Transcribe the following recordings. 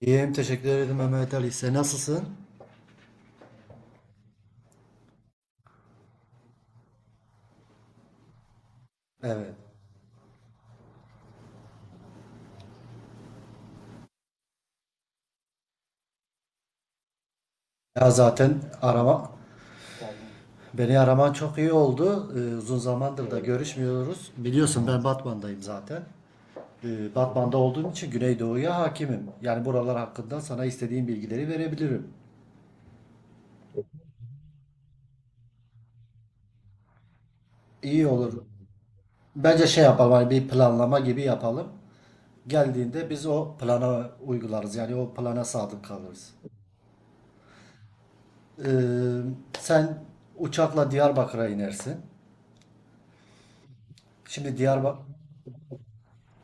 İyiyim, teşekkür ederim Mehmet Ali. Sen nasılsın? Evet. Ya zaten arama, beni araman çok iyi oldu. Uzun zamandır da, evet, görüşmüyoruz. Biliyorsun ben Batman'dayım zaten. Batman'da olduğum için Güneydoğu'ya hakimim. Yani buralar hakkında sana istediğim bilgileri verebilirim. İyi olur. Bence şey yapalım, hani bir planlama gibi yapalım. Geldiğinde biz o plana uygularız. Yani o plana sadık kalırız. Ee, sen uçakla Diyarbakır'a inersin. Şimdi Diyarbakır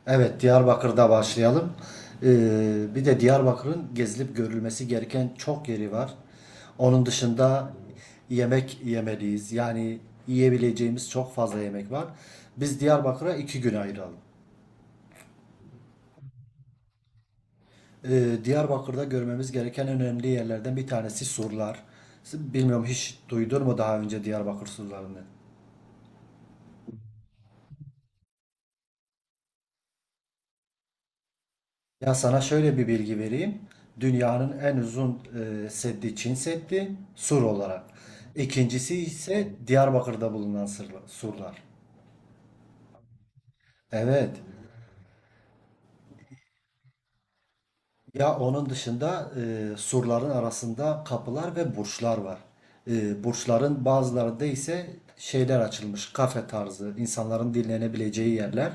Evet, Diyarbakır'da başlayalım. Bir de Diyarbakır'ın gezilip görülmesi gereken çok yeri var. Onun dışında yemek yemeliyiz. Yani yiyebileceğimiz çok fazla yemek var. Biz Diyarbakır'a 2 gün ayıralım. Diyarbakır'da görmemiz gereken önemli yerlerden bir tanesi surlar. Bilmiyorum hiç duydun mu daha önce Diyarbakır surlarını? Ya sana şöyle bir bilgi vereyim. Dünyanın en uzun seddi Çin Seddi sur olarak. İkincisi ise Diyarbakır'da bulunan surlar. Evet. Ya onun dışında surların arasında kapılar ve burçlar var. Burçların bazılarında ise şeyler açılmış. Kafe tarzı, insanların dinlenebileceği yerler.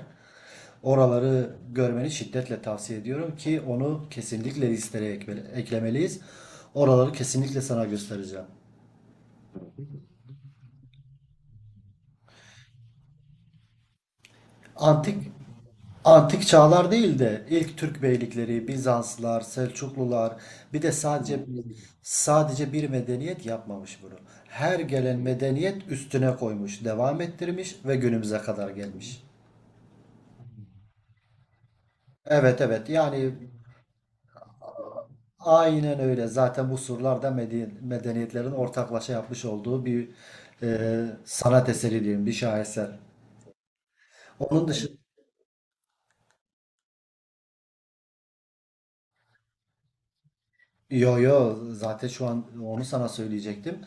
Oraları görmeni şiddetle tavsiye ediyorum ki onu kesinlikle listeye eklemeliyiz. Oraları kesinlikle sana göstereceğim. Antik antik çağlar değil de ilk Türk beylikleri, Bizanslar, Selçuklular bir de sadece bir medeniyet yapmamış bunu. Her gelen medeniyet üstüne koymuş, devam ettirmiş ve günümüze kadar gelmiş. Evet evet, yani aynen öyle. Zaten bu surlar da medeniyetlerin ortaklaşa yapmış olduğu bir sanat eseri diyeyim, bir şaheser. Onun dışı Yo yo, zaten şu an onu sana söyleyecektim.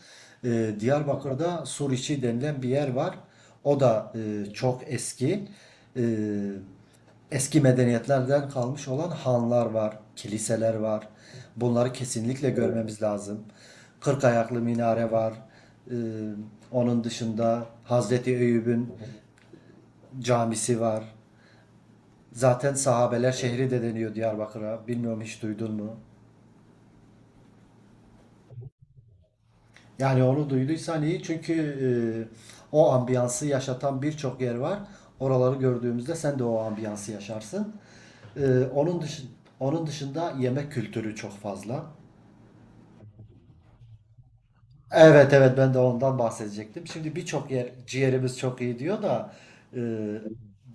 Diyarbakır'da Suriçi denilen bir yer var. O da çok eski. Ee, eski medeniyetlerden kalmış olan hanlar var, kiliseler var. Bunları kesinlikle, evet, görmemiz lazım. Kırk ayaklı minare var. Ee, onun dışında Hazreti Eyüp'ün camisi var. Zaten sahabeler şehri de deniyor Diyarbakır'a. Bilmiyorum hiç duydun mu? Yani onu duyduysan iyi, çünkü o ambiyansı yaşatan birçok yer var. Oraları gördüğümüzde sen de o ambiyansı yaşarsın. E, onun dışında onun dışında yemek kültürü çok fazla. Evet evet, ben de ondan bahsedecektim. Şimdi birçok yer ciğerimiz çok iyi diyor da e,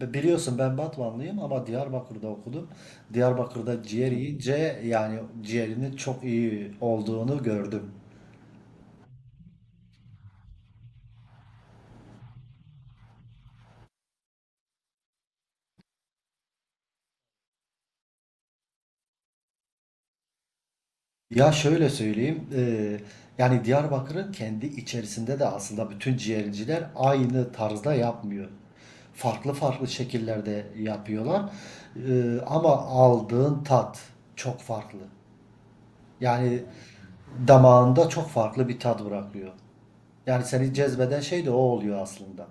biliyorsun ben Batmanlıyım ama Diyarbakır'da okudum. Diyarbakır'da ciğer yiyince yani ciğerinin çok iyi olduğunu gördüm. Ya şöyle söyleyeyim, yani Diyarbakır'ın kendi içerisinde de aslında bütün ciğerciler aynı tarzda yapmıyor. Farklı farklı şekillerde yapıyorlar. Ama aldığın tat çok farklı. Yani damağında çok farklı bir tat bırakıyor. Yani seni cezbeden şey de o oluyor aslında.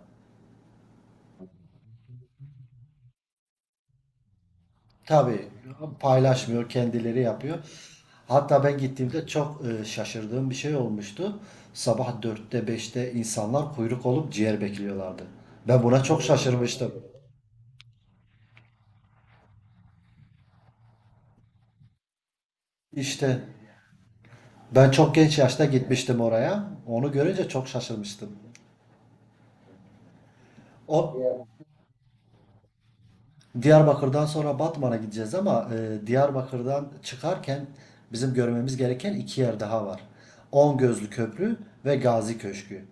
Tabii paylaşmıyor, kendileri yapıyor. Hatta ben gittiğimde çok şaşırdığım bir şey olmuştu. Sabah dörtte beşte insanlar kuyruk olup ciğer bekliyorlardı. Ben buna çok şaşırmıştım. İşte ben çok genç yaşta gitmiştim oraya. Onu görünce çok şaşırmıştım. O Diyarbakır'dan sonra Batman'a gideceğiz, ama Diyarbakır'dan çıkarken bizim görmemiz gereken iki yer daha var. On Gözlü Köprü ve Gazi Köşkü.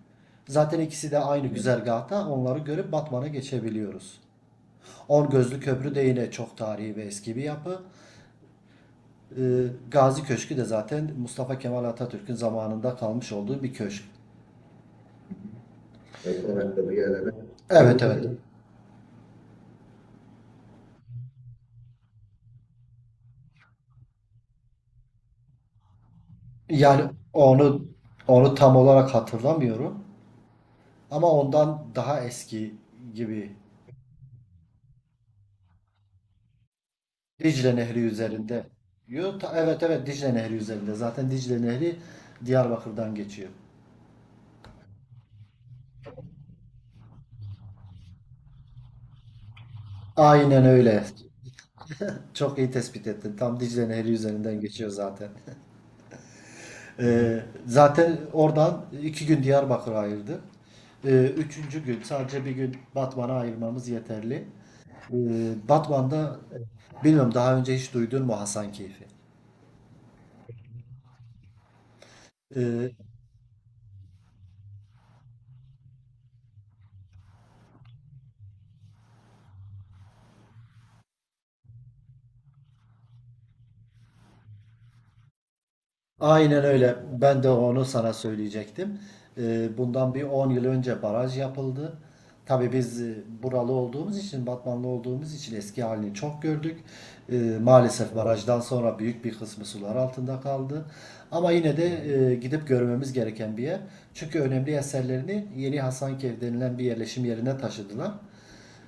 Zaten ikisi de aynı güzergahta, onları görüp Batman'a geçebiliyoruz. On Gözlü Köprü de yine çok tarihi ve eski bir yapı. E, Gazi Köşkü de zaten Mustafa Kemal Atatürk'ün zamanında kalmış olduğu bir köşk. Evet, evet. Evet evet. Yani onu tam olarak hatırlamıyorum. Ama ondan daha eski gibi. Dicle Nehri üzerinde. Yo, evet evet, Dicle Nehri üzerinde. Zaten Dicle Nehri Diyarbakır'dan geçiyor. Aynen öyle. Çok iyi tespit ettin. Tam Dicle Nehri üzerinden geçiyor zaten. Ee, zaten oradan 2 gün Diyarbakır'a ayırdık. Üçüncü gün sadece bir gün Batman'a ayırmamız yeterli. Batman'da bilmiyorum daha önce hiç duydun mu Hasankeyf'i? Ee, Aynen öyle. Ben de onu sana söyleyecektim. Bundan bir 10 yıl önce baraj yapıldı. Tabii biz buralı olduğumuz için, Batmanlı olduğumuz için eski halini çok gördük. Maalesef barajdan sonra büyük bir kısmı sular altında kaldı. Ama yine de gidip görmemiz gereken bir yer. Çünkü önemli eserlerini Yeni Hasankeyf denilen bir yerleşim yerine taşıdılar.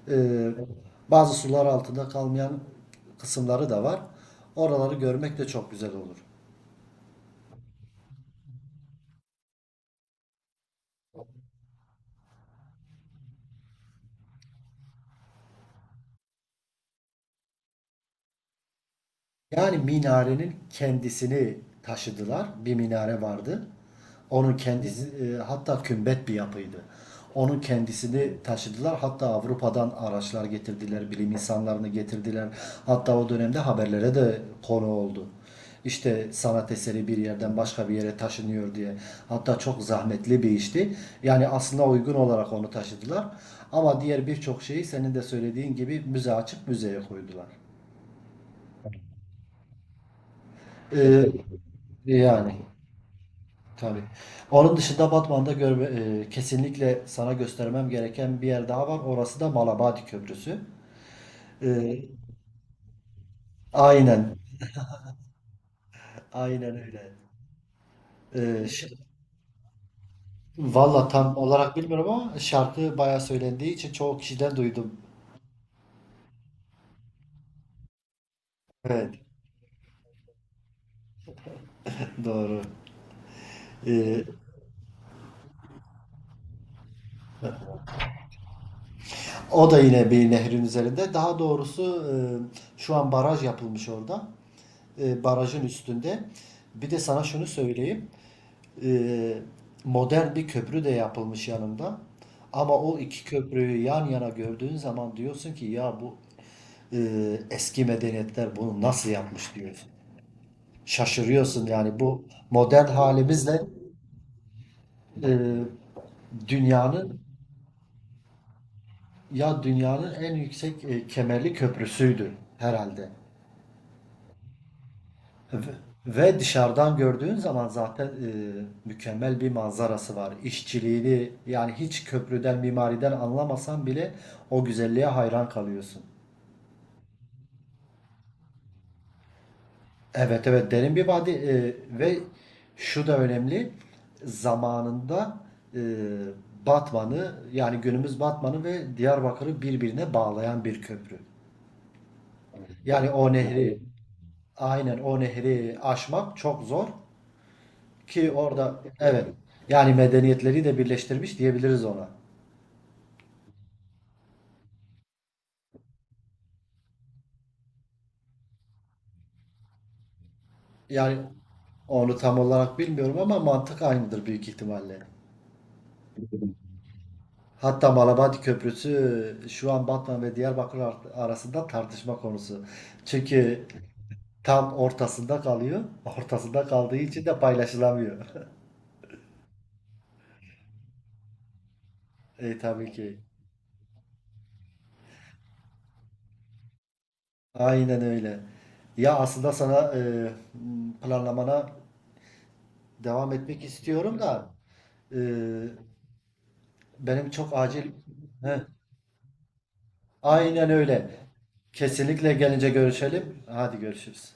Ee, Bazı sular altında kalmayan kısımları da var. Oraları görmek de çok güzel olur. Yani minarenin kendisini taşıdılar. Bir minare vardı. Onun kendisi, hatta kümbet bir yapıydı. Onun kendisini taşıdılar. Hatta Avrupa'dan araçlar getirdiler, bilim insanlarını getirdiler. Hatta o dönemde haberlere de konu oldu. İşte sanat eseri bir yerden başka bir yere taşınıyor diye. Hatta çok zahmetli bir işti. Yani aslına uygun olarak onu taşıdılar. Ama diğer birçok şeyi senin de söylediğin gibi müze açıp müzeye koydular. Ee, yani. Tabii. Onun dışında Batman'da kesinlikle sana göstermem gereken bir yer daha var. Orası da Malabadi Köprüsü. E, aynen. Aynen öyle. E, ş- valla tam olarak bilmiyorum, ama şarkı bayağı söylendiği için çoğu kişiden duydum. Evet. Doğru. E, o da yine bir nehrin üzerinde. Daha doğrusu, şu an baraj yapılmış orada. Barajın üstünde. Bir de sana şunu söyleyeyim. Eee, modern bir köprü de yapılmış yanında. Ama o iki köprüyü yan yana gördüğün zaman diyorsun ki ya bu eski medeniyetler bunu nasıl yapmış diyorsun. Şaşırıyorsun yani bu modern halimizle eee, dünyanın dünyanın en yüksek kemerli köprüsüydü herhalde. Ve ve dışarıdan gördüğün zaman zaten mükemmel bir manzarası var. İşçiliğini yani hiç köprüden, mimariden anlamasan bile o güzelliğe hayran kalıyorsun. Evet evet, derin bir vadi. Ve şu da önemli, zamanında e, Batman'ı, yani günümüz Batman'ı ve Diyarbakır'ı birbirine bağlayan bir köprü. Yani o nehri aynen, o nehri aşmak çok zor. Ki orada evet, yani medeniyetleri de birleştirmiş diyebiliriz ona. Yani onu tam olarak bilmiyorum ama mantık aynıdır, büyük ihtimalle. Hatta Malabadi Köprüsü şu an Batman ve Diyarbakır arasında tartışma konusu. Çünkü tam ortasında kalıyor. Ortasında kaldığı için de paylaşılamıyor. Tabii ki. Aynen öyle. Ya aslında sana planlamana devam etmek istiyorum da, e, benim çok acil Aynen öyle. Kesinlikle gelince görüşelim. Hadi görüşürüz.